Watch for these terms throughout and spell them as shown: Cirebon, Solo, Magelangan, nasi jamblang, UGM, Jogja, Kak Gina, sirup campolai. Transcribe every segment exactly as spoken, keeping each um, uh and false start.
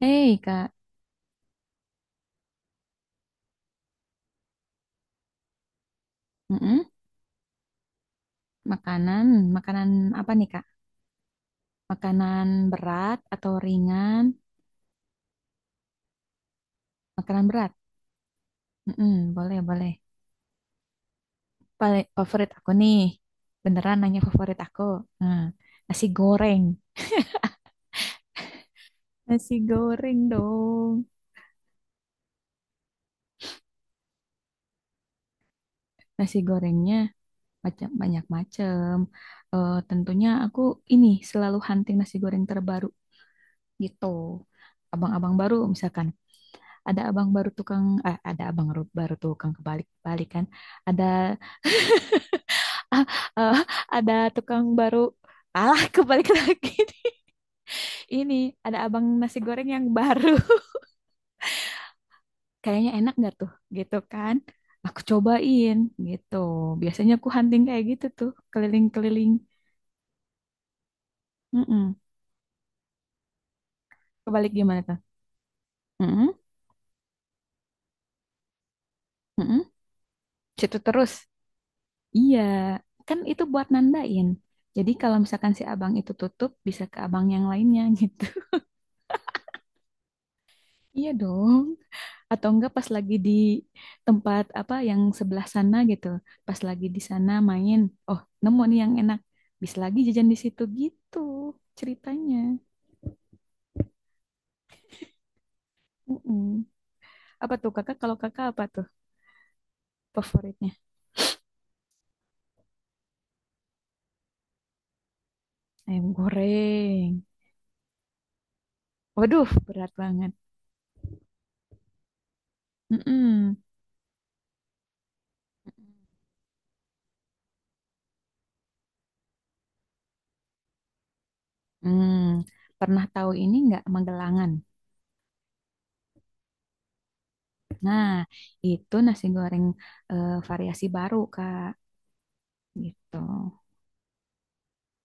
Hei Kak. Mm-mm. Makanan, makanan apa nih Kak? Makanan berat atau ringan? Makanan berat. Mm-mm. Boleh, boleh. Paling favorit aku nih, beneran nanya favorit aku. Nah, nasi goreng, nasi goreng dong. Nasi gorengnya macam banyak macam. Eh, tentunya aku ini selalu hunting nasi goreng terbaru gitu. Abang-abang baru misalkan, ada abang baru tukang, eh, ada abang ru- baru tukang kebalik-balikan. Ada. Ah, eh, ada tukang baru. Alah, kebalik lagi nih. Ini ada abang nasi goreng yang baru. Kayaknya enak nggak tuh? Gitu kan? Aku cobain gitu. Biasanya aku hunting kayak gitu tuh, keliling-keliling. Mm-mm. Kebalik gimana tuh? Mm-mm. Mm-mm. Situ terus. Iya, kan itu buat nandain. Jadi kalau misalkan si abang itu tutup, bisa ke abang yang lainnya gitu. Iya dong. Atau enggak pas lagi di tempat apa yang sebelah sana gitu, pas lagi di sana main, oh nemu nih yang enak, bisa lagi jajan di situ gitu ceritanya. Mm-mm. Apa tuh kakak, kalau kakak apa tuh favoritnya? Ayam goreng, waduh berat banget. Mm-mm. Hmm, Pernah tahu ini nggak Magelangan? Nah, itu nasi goreng, eh, variasi baru, Kak. Gitu.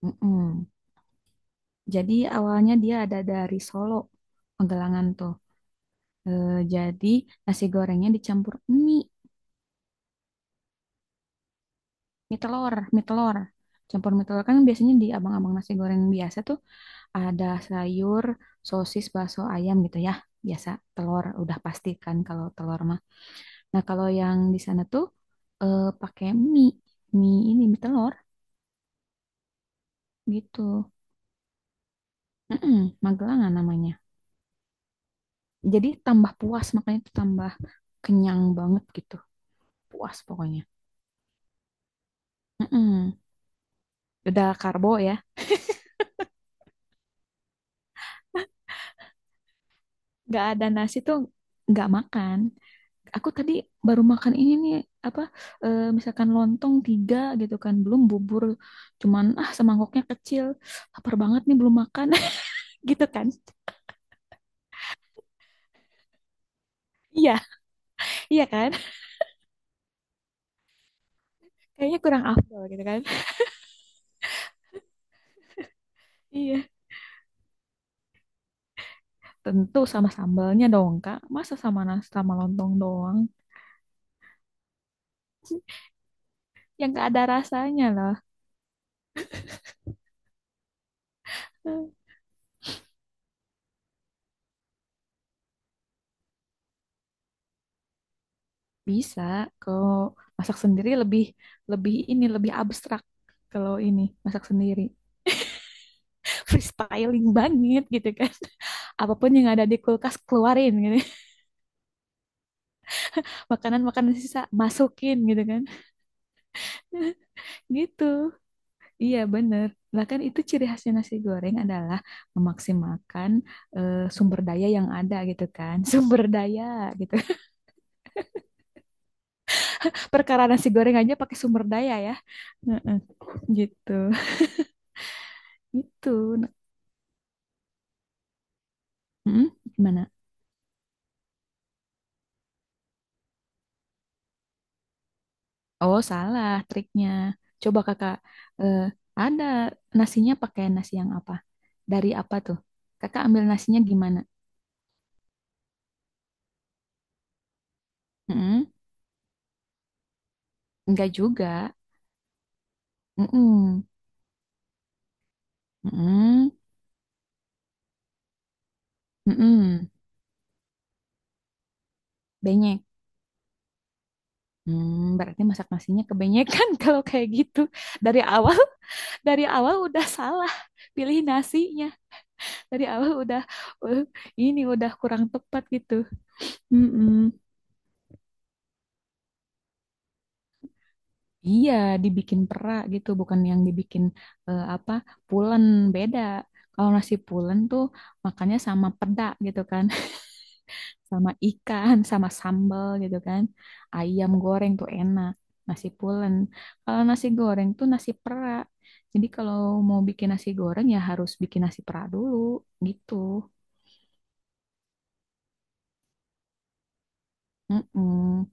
Mm-mm. Jadi awalnya dia ada dari Solo, Pegalangan tuh. Eh, jadi nasi gorengnya dicampur mie, mie telur, mie telur. Campur mie telur kan biasanya di abang-abang nasi goreng biasa tuh ada sayur, sosis, bakso, ayam gitu ya. Biasa telur udah pasti kan kalau telur mah. Nah, kalau yang di sana tuh, eh, pakai mie, mie ini mie telur gitu. Mm-mm, Magelangan namanya. Jadi tambah puas makanya tuh tambah kenyang banget gitu. Puas pokoknya. Mm-mm. Udah karbo ya, nggak ada nasi tuh nggak makan. Aku tadi baru makan ini nih, apa, eh, misalkan lontong tiga gitu kan belum bubur, cuman ah semangkoknya kecil, lapar banget nih belum makan. Gitu kan. Iya. Iya kan, kayaknya kurang afdol gitu kan. Iya, tentu sama sambalnya dong Kak, masa sama nasi sama lontong doang yang nggak ada rasanya lah. Eh, Bisa. Kalau masak sendiri lebih, lebih ini lebih abstrak, kalau ini masak sendiri. Freestyling banget gitu kan. Apapun yang ada di kulkas keluarin gitu. Makanan-makanan sisa masukin gitu kan. Gitu. Iya bener. Bahkan itu ciri khasnya nasi goreng adalah memaksimalkan, eh, sumber daya yang ada gitu kan. Sumber daya gitu. Perkara nasi goreng aja pakai sumber daya ya. Heeh. Gitu. Gitu. Mm, gimana? Oh, salah triknya. Coba kakak, eh, ada nasinya pakai nasi yang apa? Dari apa tuh? Kakak ambil nasinya gimana? Mm-mm. Enggak juga. Mm-mm. Mm-mm. Mm-mm. Benyek. Hmm, berarti masak nasinya kebenyekan kalau kayak gitu. Dari awal, dari awal udah salah pilih nasinya. Dari awal udah, eh, ini udah kurang tepat gitu. Mm-mm. Iya, dibikin perak gitu, bukan yang dibikin, eh, apa, pulen, beda. Kalau nasi pulen tuh makannya sama pedak gitu kan, sama ikan, sama sambal gitu kan. Ayam goreng tuh enak, nasi pulen. Kalau nasi goreng tuh nasi perak. Jadi kalau mau bikin nasi goreng ya harus bikin nasi perak dulu gitu. Mm-mm.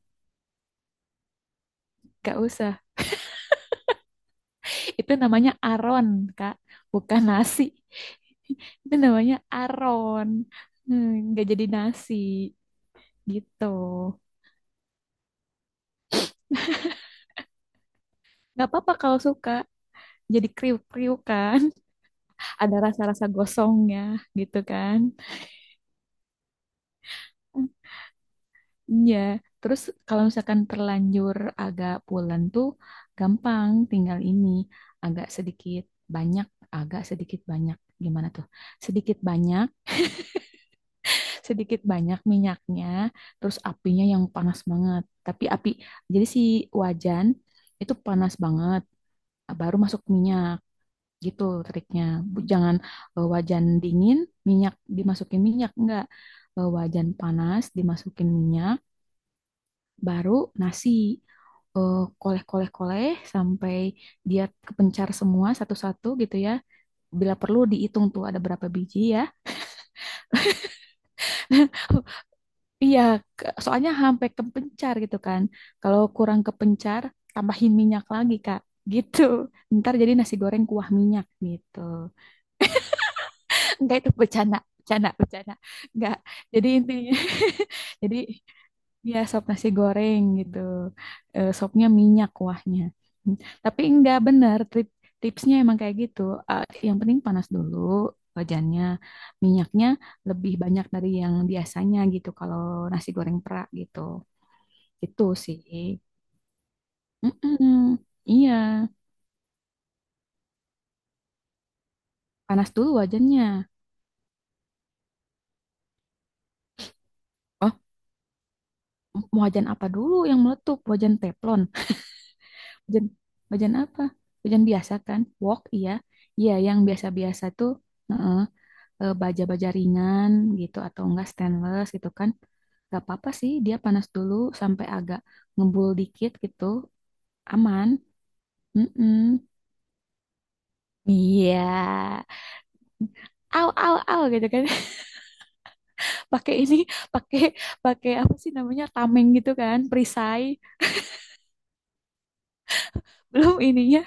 Gak usah. Itu namanya aron, Kak. Bukan nasi. Itu namanya aron. Hmm, nggak jadi nasi gitu. Nggak apa-apa kalau suka. Jadi kriuk-kriuk kan. Ada rasa-rasa gosongnya gitu kan. Hmm. Iya. Terus kalau misalkan terlanjur agak pulen tuh gampang. Tinggal ini agak sedikit banyak, agak sedikit banyak. Gimana tuh? Sedikit banyak sedikit banyak minyaknya, terus apinya yang panas banget. Tapi api, jadi si wajan itu panas banget, baru masuk minyak gitu triknya. Jangan, eh, wajan dingin, minyak dimasukin minyak enggak. Eh, wajan panas dimasukin minyak, baru nasi, eh, koleh-koleh-koleh sampai dia kepencar semua satu-satu gitu ya. Bila perlu dihitung tuh ada berapa biji ya. Iya, ke- soalnya sampai kepencar gitu kan. Kalau kurang kepencar, tambahin minyak lagi, Kak. Gitu. Ntar jadi nasi goreng kuah minyak gitu. Enggak, itu bercanda, bercanda, bercanda. Enggak. Jadi intinya jadi ya sop nasi goreng gitu. Eh, sopnya minyak kuahnya. Hmm. Tapi enggak benar tip- tipsnya emang kayak gitu. Eh, yang penting panas dulu wajannya. Minyaknya lebih banyak dari yang biasanya gitu kalau nasi goreng pra gitu itu sih. Mm-mm. Iya, panas dulu wajannya. Oh, mau wajan apa dulu yang meletup? Wajan teflon. Wajan, Wajan apa? Wajan biasa kan? Wok, iya. Iya, yang biasa-biasa tuh heeh, eh, baja-baja ringan gitu atau enggak stainless gitu kan. Gak apa-apa sih, dia panas dulu sampai agak ngebul dikit gitu. Aman. Mm-mm. Iya. Au, au, au gitu kan. Pakai ini. pakai Pakai apa sih namanya, tameng gitu kan, perisai. Belum ininya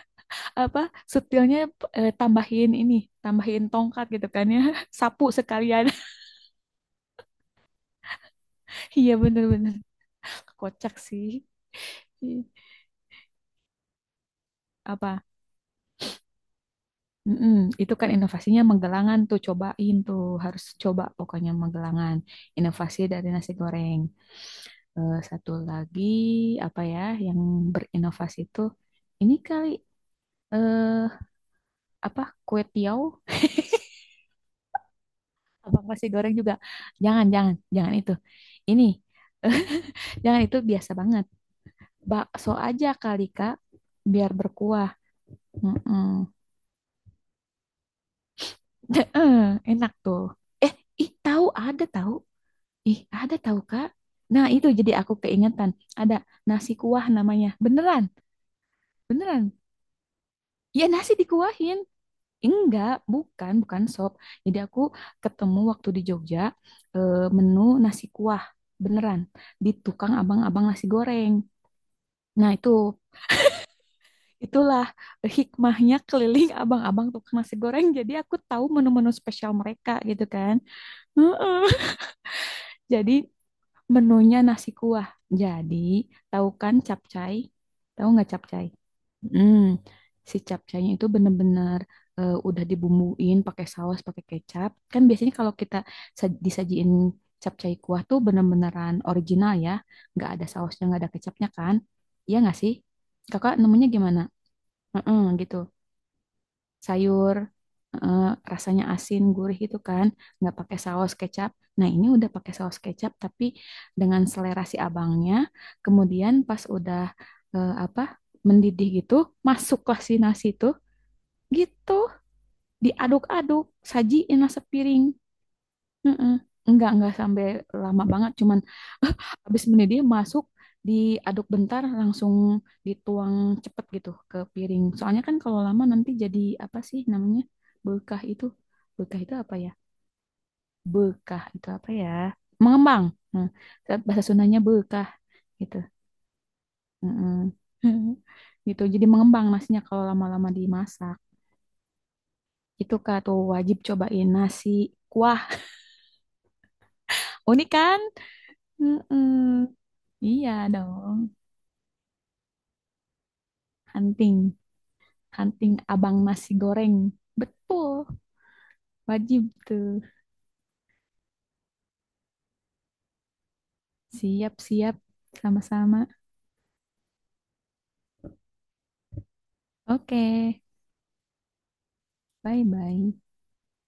apa setilnya, eh, tambahin ini, tambahin tongkat gitu kan ya sapu sekalian. Iya bener-bener kocak sih. Ih, apa. Mm-mm, itu kan inovasinya Magelangan tuh cobain tuh harus coba pokoknya Magelangan, inovasi dari nasi goreng. Eh, satu lagi apa ya, yang berinovasi itu ini kali, eh apa, kue tiaw. Abang nasi goreng juga. Jangan, jangan, jangan itu. Ini, jangan itu biasa banget. Bakso aja kali, Kak. Biar berkuah. Mm-mm. Heeh, enak tuh. Eh, Ih, tahu ada tahu. Ih, ada tahu, Kak. Nah, itu jadi aku keingetan. Ada nasi kuah namanya. Beneran, beneran. Ya, nasi dikuahin. Enggak, bukan, bukan sop. Jadi aku ketemu waktu di Jogja, eh, menu nasi kuah. Beneran di tukang abang-abang nasi goreng. Nah, itu itulah hikmahnya keliling abang-abang tukang nasi goreng. Jadi aku tahu menu-menu spesial mereka gitu kan. Heeh. Jadi menunya nasi kuah. Jadi, tahu kan capcay? Tahu nggak capcay? Hmm, Si capcaynya itu bener-bener, eh, udah dibumbuin pakai saus, pakai kecap. Kan biasanya kalau kita sa- disajiin capcay kuah tuh bener-beneran original ya. Nggak ada sausnya, nggak ada kecapnya kan? Iya nggak sih? Kakak nemunya gimana? Heeh, gitu sayur, heeh, rasanya asin gurih itu kan, nggak pakai saus kecap. Nah, ini udah pakai saus kecap tapi dengan selera si abangnya. Kemudian pas udah, eh, apa, mendidih gitu, masuklah si nasi itu gitu, diaduk-aduk, sajiin lah sepiring. Mm-mm. Enggak, enggak sampai lama banget. Cuman habis mendidih dia masuk, diaduk bentar, langsung dituang cepet gitu ke piring. Soalnya kan kalau lama nanti jadi apa sih namanya? Bekah itu. Bekah itu apa ya? Bekah itu apa ya? Mengembang. Nah, bahasa Sundanya bekah gitu. Mm-mm. Gitu, jadi mengembang nasinya kalau lama-lama dimasak. Itu Kak tuh wajib cobain nasi kuah. Unik kan? Mm-mm. Iya dong. Hunting, hunting abang nasi goreng. Betul, wajib tuh. Siap-siap, sama-sama. Oke, bye-bye.